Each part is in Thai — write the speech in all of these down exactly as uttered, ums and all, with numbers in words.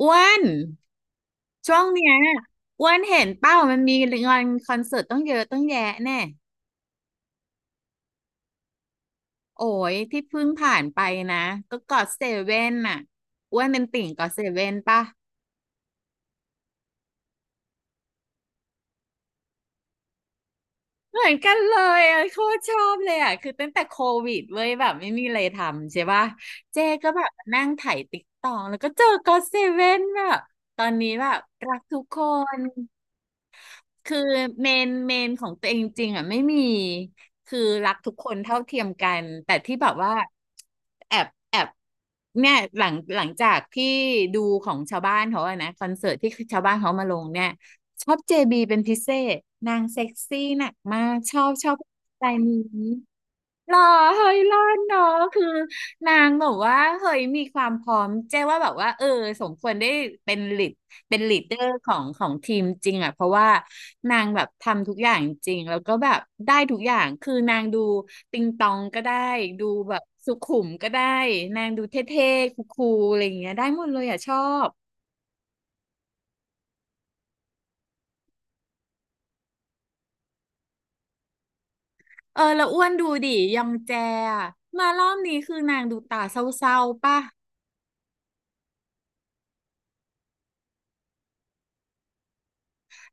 อ้วนช่วงเนี้ยอ้วนเห็นเป้ามันมีงานคอนเสิร์ตต้องเยอะต้องแยะแน่โอ้ยที่เพิ่งผ่านไปนะก็กอดเซเว่นน่ะอ้วนเป็นติ่งกอดเซเว่นป่ะเหมือนกันเลยอ่ะโคตรชอบเลยอ่ะคือตั้งแต่โควิดเว้ยแบบไม่มีอะไรทำใช่ป่ะเจก็แบบนั่งไถ่ายติ๊กตองแล้วก็เจอกอดเซเว่นแบบตอนนี้แบบรักทุกคน คือเมนเมนของตัวเองจริงๆอ่ะไม่มีคือรักทุกคนเท่าเทียมกันแต่ที่แบบว่าแอบแอบเนี่ยหลังหลังจากที่ดูของชาวบ้านเขาอะนะคอนเสิร์ตที่ชาวบ้านเขามาลงเนี่ยชอบเจบีเป็นพิเศษนางเซ็กซี่หนักมากชอบชอบสไตล์นี้ หรอเฮ้ยรอดเนาะคือนางบอกว่าเฮ้ยมีความพร้อมเจ๊ว่าแบบว่าเออสมควรได้เป็นลีดเป็นลีดเดอร์ของของทีมจริงอ่ะเพราะว่านางแบบทำทุกอย่างจริงแล้วก็แบบได้ทุกอย่างคือนางดูติงตองก็ได้ดูแบบสุขุมก็ได้นางดูเท่ๆคูลๆอะไรอย่างเงี้ยได้หมดเลยอ่ะชอบเออแล้วอ้วนดูดิยองแจอะมารอบนี้คือนางดูตาเศร้าๆป่ะ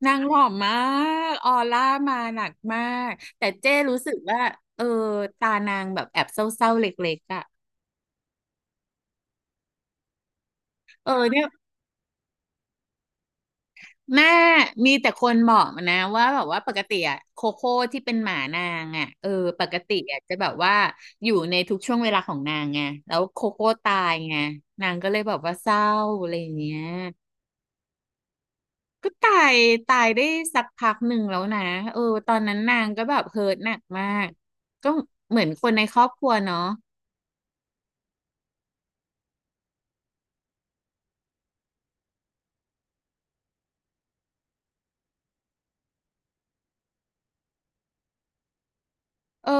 นางหลอมมากออร่ามาหนักมากแต่เจ้รู้สึกว่าเออตานางแบบแอบเศร้าๆเล็กๆอ่ะเออเนี่ยแม่มีแต่คนบอกมานะว่าแบบว่าปกติอะโคโค่ที่เป็นหมานางอ่ะเออปกติอะจะแบบว่าอยู่ในทุกช่วงเวลาของนางไงแล้วโคโค่ตายไงนางก็เลยแบบว่าเศร้าอะไรอย่างเงี้ยก็ตายตายได้สักพักหนึ่งแล้วนะเออตอนนั้นนางก็แบบเฮิร์ตหนักมากก็เหมือนคนในครอบครัวเนาะ เออ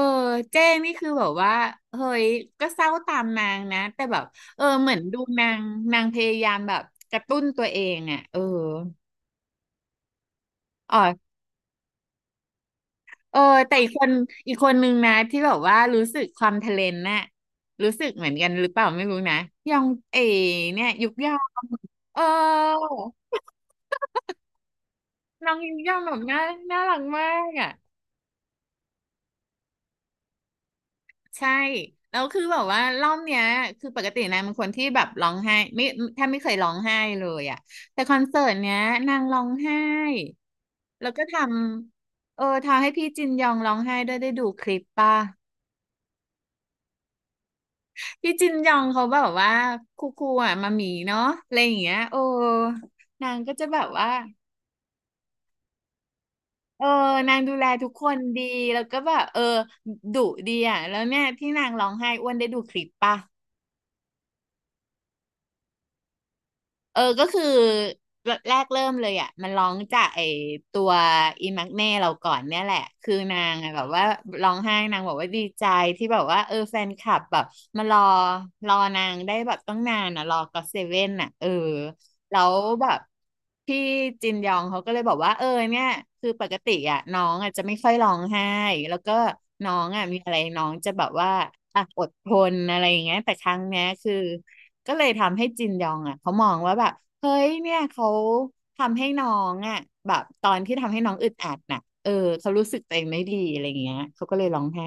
เจ้นี่คือแบบว่าเฮ้ยก็เศร้าตามนางนะแต่แบบเออเหมือนดูนางนางพยายามแบบกระตุ้นตัวเองอ่ะเอออ๋อเออแต่อีกคนอีกคนนึงนะที่แบบว่ารู้สึกความทะเลนน่ะรู้สึกเหมือนกันหรือเปล่าไม่รู้นะยองเอเนี่ยยุกยองเออน้องยุกยองแบบน่าน่ารักมากอ่ะ ใช่แล้วคือแบบว่ารอบเนี้ยคือปกตินางเป็นคนที่แบบร้องไห้ไม่แทบไม่เคยร้องไห้เลยอ่ะแต่คอนเสิร์ตเนี้ยนางร้องไห้แล้วก็ทำเออทำให้พี่จินยองร้องไห้ด้วยได้ดูคลิปป่ะพี่จินยองเขาแบบว่าคูคูอ่ะมามีเนาะอะไรอย่างเงี้ยโอ้นางก็จะแบบว่าเออนางดูแลทุกคนดีแล้วก็แบบเออดุดีอ่ะแล้วเนี่ยที่นางร้องไห้อ้วนได้ดูคลิปป่ะ เออก็คือแรกเริ่มเลยอ่ะมันร้องจากไอตัวอีมักเน่เราก่อนเนี่ยแหละคือนางอะแบบว่าร้องไห้นางบอกว่าดีใจที่แบบว่าเออแฟนคลับแบบมารอรอนางได้แบบต้องนานอ่ะรอก็อเซเว่นอ่ะเออแล้วแบบพี่จินยองเขาก็เลยบอกว่าเออเนี่ยคือปกติอ่ะน้องอ่ะจะไม่ค่อยร้องไห้แล้วก็น้องอ่ะมีอะไรน้องจะแบบว่าอ่ะอดทนอะไรอย่างเงี้ยแต่ครั้งเนี้ยคือ ก็เลยทำให้จินยองอ่ะเขามองว่าแบบเฮ้ยเนี่ยเขาทำให้น้องอ่ะแบบตอนที่ทำให้น้องอึดอัดน่ะเออเขารู้สึกตัวเองไม่ดีอะไรอย่างเงี้ยเขาก็เลยร้องไห้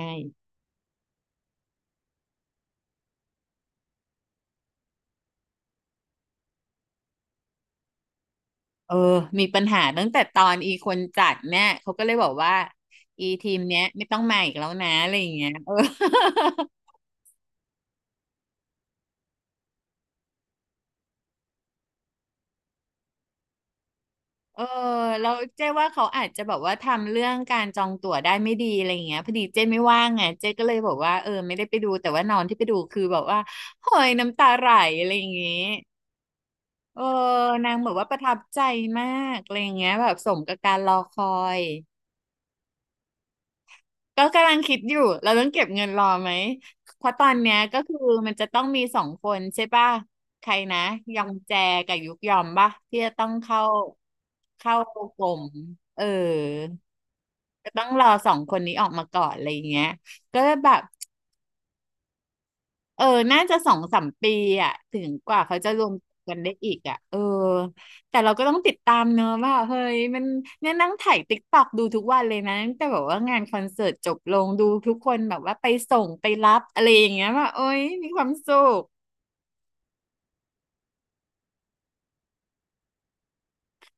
เออมีปัญหาตั้งแต่ตอนอีคนจัดเนี่ยเขาก็เลยบอกว่าอีทีมเนี้ยไม่ต้องมาอีกแล้วนะอะไรอย่างเงี้ยเออ เออแล้วเจ๊ว่าเขาอาจจะแบบว่าทำเรื่องการจองตั๋วได้ไม่ดีอะไรอย่างเงี้ยพอดีเจ๊ไม่ว่างไงเจ๊ก็เลยบอกว่าเออไม่ได้ไปดูแต่ว่าน้องที่ไปดูคือแบบว่าโหยน้ำตาไหลอะไรอย่างเงี้ยเออนางบอกว่าประทับใจมากอะไรอย่างเงี้ยแบบสมกับการรอคอย ก็กำลังคิดอยู่ เราต้องเก็บเงินรอไหมเพราะตอนเนี้ยก็คือมันจะต้องมีสองคนใช่ป่ะใครนะยองแจกับยุกยอมป่ะที่จะต้องเข้าเข้ากลุ่มเออก็ต้องรอสองคนนี้ออกมาก่อนอะไรอย่างเงี้ยก็แบบ เออน่าจะสองสามปีอ่ะถึงกว่าเขาจะรวมกันได้อีกอ่ะเออแต่เราก็ต้องติดตามเนอะว่าเฮ้ยมันเนี่ยนั่งถ่ายติ๊กตอกดูทุกวันเลยนะตั้งแต่แบบว่างานคอนเสิร์ตจบลงดูทุกคนแบบว่าไปส่งไปรับอะไรอย่างเงี้ยว่าโอ๊ยมีความสุข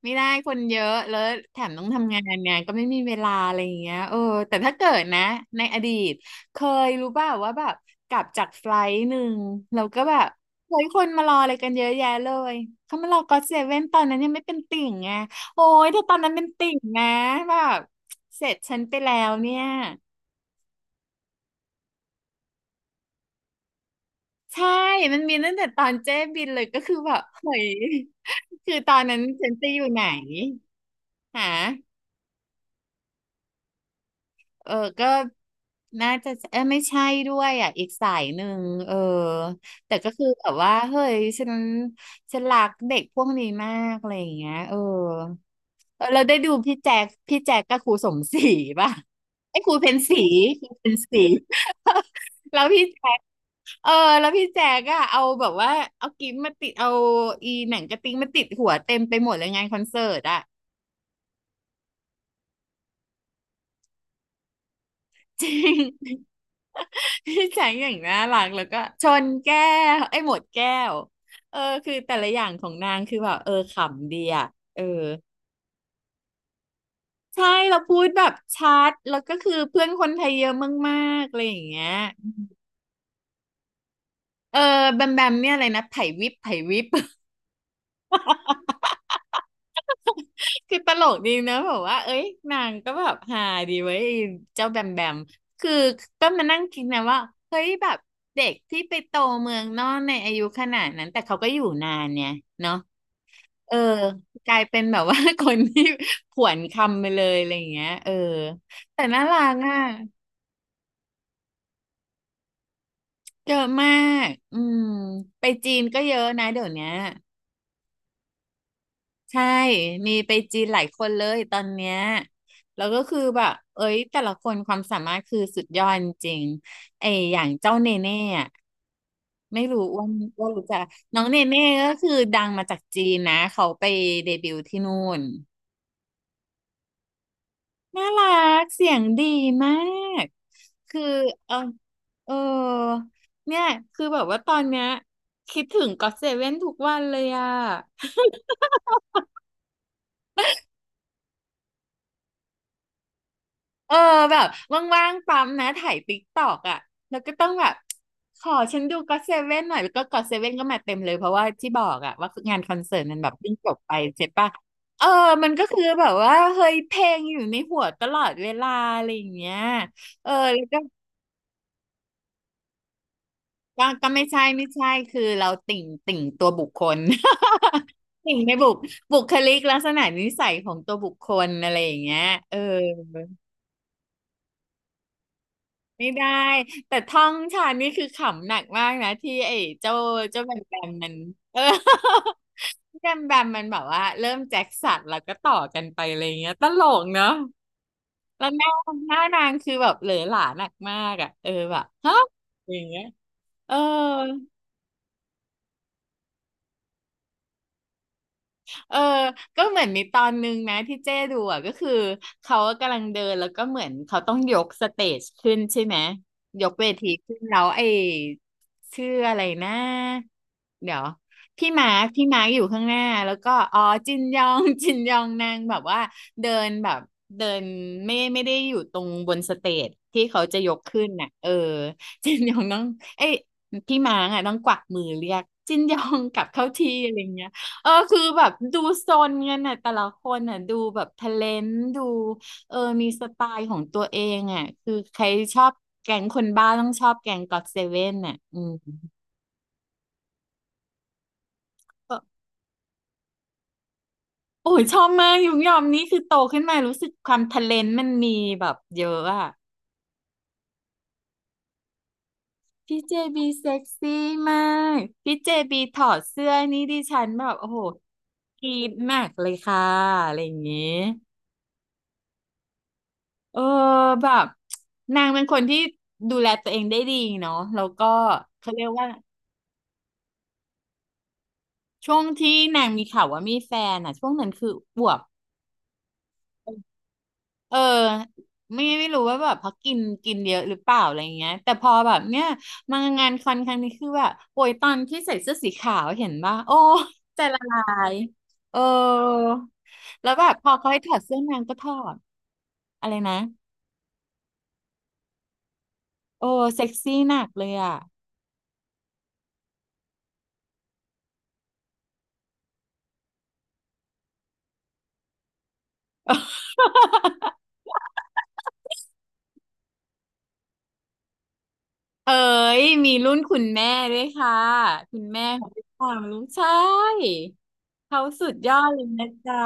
ไม่ได้คนเยอะแล้วแถมต้องทำงานไงก็ไม่มีเวลาอะไรอย่างเงี้ยเออแต่ถ้าเกิดนะในอดีตเคยรู้ป่าวว่าแบบกลับจากไฟลท์หนึ่งเราก็แบบเฮ้ยคนมารออะไรกันเยอะแยะเลยเขามารอก็อตเซเว่นตอนนั้นยังไม่เป็นติ่งไงโอ้ยแต่ตอนนั้นเป็นติ่งนะแบบเสร็จฉันไปแล้วเนี่ยใช่มันมีตั้งแต่ตอนเจ๊บินเลยก็คือแบบเฮ้ยคือตอนนั้นฉันจะอยู่ไหนหา เออก็น่าจะเออไม่ใช่ด้วยอ่ะอีกสายหนึ่งเออแต่ก็คือแบบว่าเฮ้ยฉันฉันรักเด็กพวกนี้มากอะไรอย่างเงี้ยเออเออเราได้ดูพี่แจ๊คพี่แจ๊คกับครูสมศรีป่ะไอ้ครูเพ็ญศรีครูเพ็ญศรี แล้วพี่แจ๊คเออแล้วพี่แจ๊กอะเอาแบบว่าเอากิ๊บมาติดเอาอีหนังกระติ๊งมาติดหัวเต็มไปหมดเลยงานคอนเสิร์ตอะ จริง พี่แจงอย่างน่ารักแล้วก็ชนแก้วไอ้ยหมดแก้วเออคือแต่ละอย่างของนางคือแบบเออขำดีอ่ะเออใช่เราพูดแบบชัดแล้วก็คือเพื่อนคนไทยเยอะมากๆอะไรอย่างเงี้ยเออแบมแบมเนี่ยอะไรนะไผ่วิบไผ่วิบ คือตลกดีนะแบบว่าเอ้ยนางก็แบบฮาดีเว้ยไอ้เจ้าแบมแบมคือก็มานั่งคิดนะว่าเฮ้ยแบบเด็กที่ไปโตเมืองนอกในอายุขนาดนั้นแต่เขาก็อยู่นานเนี่ยเนาะ เออกลายเป็นแบบว่า คนที่ผวนคำไปเลยอะไรอย่างเงี้ยเออแต่น่ารักอ่ะเยอะมากอืมไปจีนก็เยอะนะเดี๋ยวเนี้ยใช่มีไปจีนหลายคนเลยตอนเนี้ยแล้วก็คือแบบเอ้ยแต่ละคนความสามารถคือสุดยอดจริงๆไออย่างเจ้าเนเน่อะไม่รู้ว่าว่ารู้จักน้องเนเน่ก็คือดังมาจากจีนนะเขาไปเดบิวต์ที่นู่น น่ารักเสียงดีมากคือเออเออเนี่ยคือแบบว่าตอนเนี้ยคิดถึงก็อตเซเว่นทุกวันเลยอะเออแบบว่างๆปั๊มนะถ่ายติ๊กตอกอะแล้วก็ต้องแบบขอฉันดูก็อตเซเว่นหน่อยแล้วก็ก็อตเซเว่นก็มาเต็มเลยเพราะว่าที่บอกอะว่างานคอนเสิร์ตมันแบบเพิ่งจบไปใช่ปะเออมันก็คือแบบว่าเฮ้ยเพลงอยู่ในหัวตลอดเวลาอะไรอย่างเงี้ยเออแล้วก็ ก็ก็ไม่ใช่ไม่ใช่คือเราติ่งติ่งตัวบุคคล ติ่งในบุคบุคลิกลักษณะนิสัยของตัวบุคคลอะไรอย่างเงี้ยเออไม่ได้แต่ท่องชาญนี่คือขำหนักมากนะที่ไอ้เจ้าเจ้าแบมแบมมันเออ แบมแบมมันแบบว่าเริ่มแจ็คสันแล้วก็ต่อกันไปอะไรเงี้ยตลกเนาะแล้วหน้าหน้านางคือแบบเหลือหลาหนักมากอ่ะเออแบบฮะอย่างเงี้ยเออ เออก็เหมือนมีตอนนึงนะที่เจ้ดูอ่ะก็คือเขากำลังเดินแล้วก็เหมือนเขาต้องยกสเตจขึ้นใช่ไหมยกเวทีขึ้นแล้วไอ้ชื่ออะไรนะเดี๋ยวพี่มาร์คพี่มาร์คอยู่ข้างหน้าแล้วก็อ๋อจินยอง จินยองนางแบบว่าเดินแบบเดินไม่ไม่ได้อยู่ตรงบนสเตจที่เขาจะยกขึ้นน่ะเออ จินยองต้องเอ้ยพี่มาร์คอ่ะต้องกวักมือเรียกจินยองกลับเข้าที่อะไรเงี้ย เออคือแบบดูโซนเงินน่ะแต่ละคนน่ะดูแบบทะเลนดูเออมีสไตล์ของตัวเองอ่ะคือใครชอบแก๊งคนบ้าต้องชอบแก๊งก็อตเซเว่นน่ะอืมก็โอ้ยชอบมากยุงยอมนี่คือโตขึ้นมารู้สึกความทะเลนมันมีแบบเยอะอ่ะพี่เจบีเซ็กซี่มากพี่เจบีถอดเสื้อนี่ดิฉันแบบโอ้โหกรี๊ดมากเลยค่ะอะไรอย่างงี้ เออแบบนางเป็นคนที่ดูแลตัวเองได้ดีเนาะแล้วก็เขาเรียกว่าช่วงที่นางมีข่าวว่ามีแฟนอ่ะช่วงนั้นคืออวบเออไม่ไม่รู้ว่าแบบเพราะกินกินเยอะหรือเปล่าอะไรเงี้ยแต่พอแบบเนี้ยมางานคอนครั้งนี้คือแบบโอ้ยตอนที่ใส่เสื้อสีขาวเห็นป่ะโอ้ใจละลายเออแล้วแบบพอเขาให้ถอดเสื้อนางก็ถอดอะไรนะโอ้เซ็กซี่หนักเลยอ่ะ เอ๋ยมีรุ่นคุณแม่ด้วยค่ะคุณแม่ของพี่ปางรู้ใช่เขาสุดยอดเลยนะจ๊ะ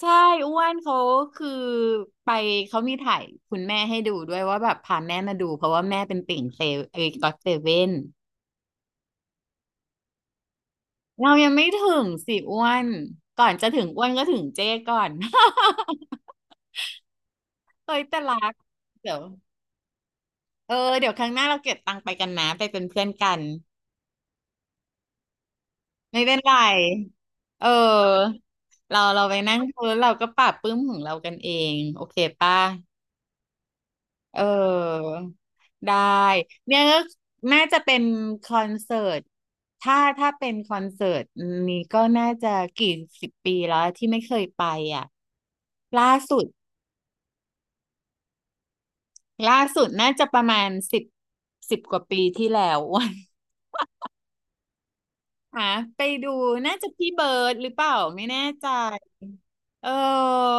ใช่อ้วนเขาคือไปเขามีถ่ายคุณแม่ให้ดูด้วยว่าแบบพาแม่มาดูเพราะว่าแม่เป็นติ่งเซเวเอ้ยก็อตเซเว่นเรายังไม่ถึงสิอ้วนก่อนจะถึงอ้วนก็ถึงเจ้ก่อน เอ้ยแต่รักเดี๋ยวเออเดี๋ยวครั้งหน้าเราเก็บตังค์ไปกันนะไปเป็นเพื่อนกัน ไม่เป็นไรเออเราเราไปนั่งคุยแล้วเราก็ปรับปรื้มของเรากันเองโอเคป่ะเออได้เนี่ยก็น่าจะเป็นคอนเสิร์ตถ้าถ้าเป็นคอนเสิร์ตนี้ก็น่าจะกี่สิบปีแล้วที่ไม่เคยไปอ่ะล่าสุดล่าสุดน่าจะประมาณสิบสิบกว่าปีที่แล้ว อวันหาไปดูน่าจะพี่เบิร์ดหรือเปล่าไม่แน่ใจเออ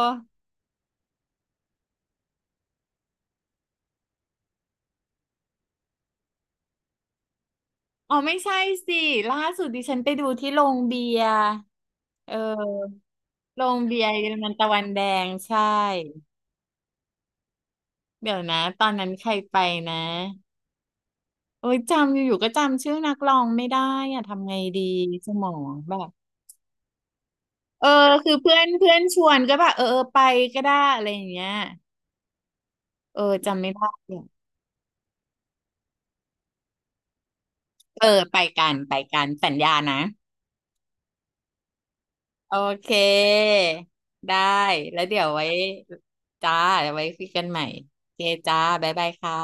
อ๋อไม่ใช่สิล่าสุดดิฉันไปดูที่โรงเบียร์เออโรงเบียร์เยอรมันตะวันแดงใช่เดี๋ยวนะตอนนั้นใครไปนะโอ้ยจำอยู่ๆก็จำชื่อนักร้องไม่ได้อะทำไงดีสมองแบบเออคือเพื่อนเพื่อนชวนก็แบบเออเออไปก็ได้อะไรอย่างเงี้ยเออจำไม่ได้เนี่ยเออไปกันไปกันสัญญานะ โอเค ได้ แล้วเดี๋ยวไว้จ้าเดี๋ยวไว้คุยกันใหม่โอเคจ้าบ๊ายบายค่ะ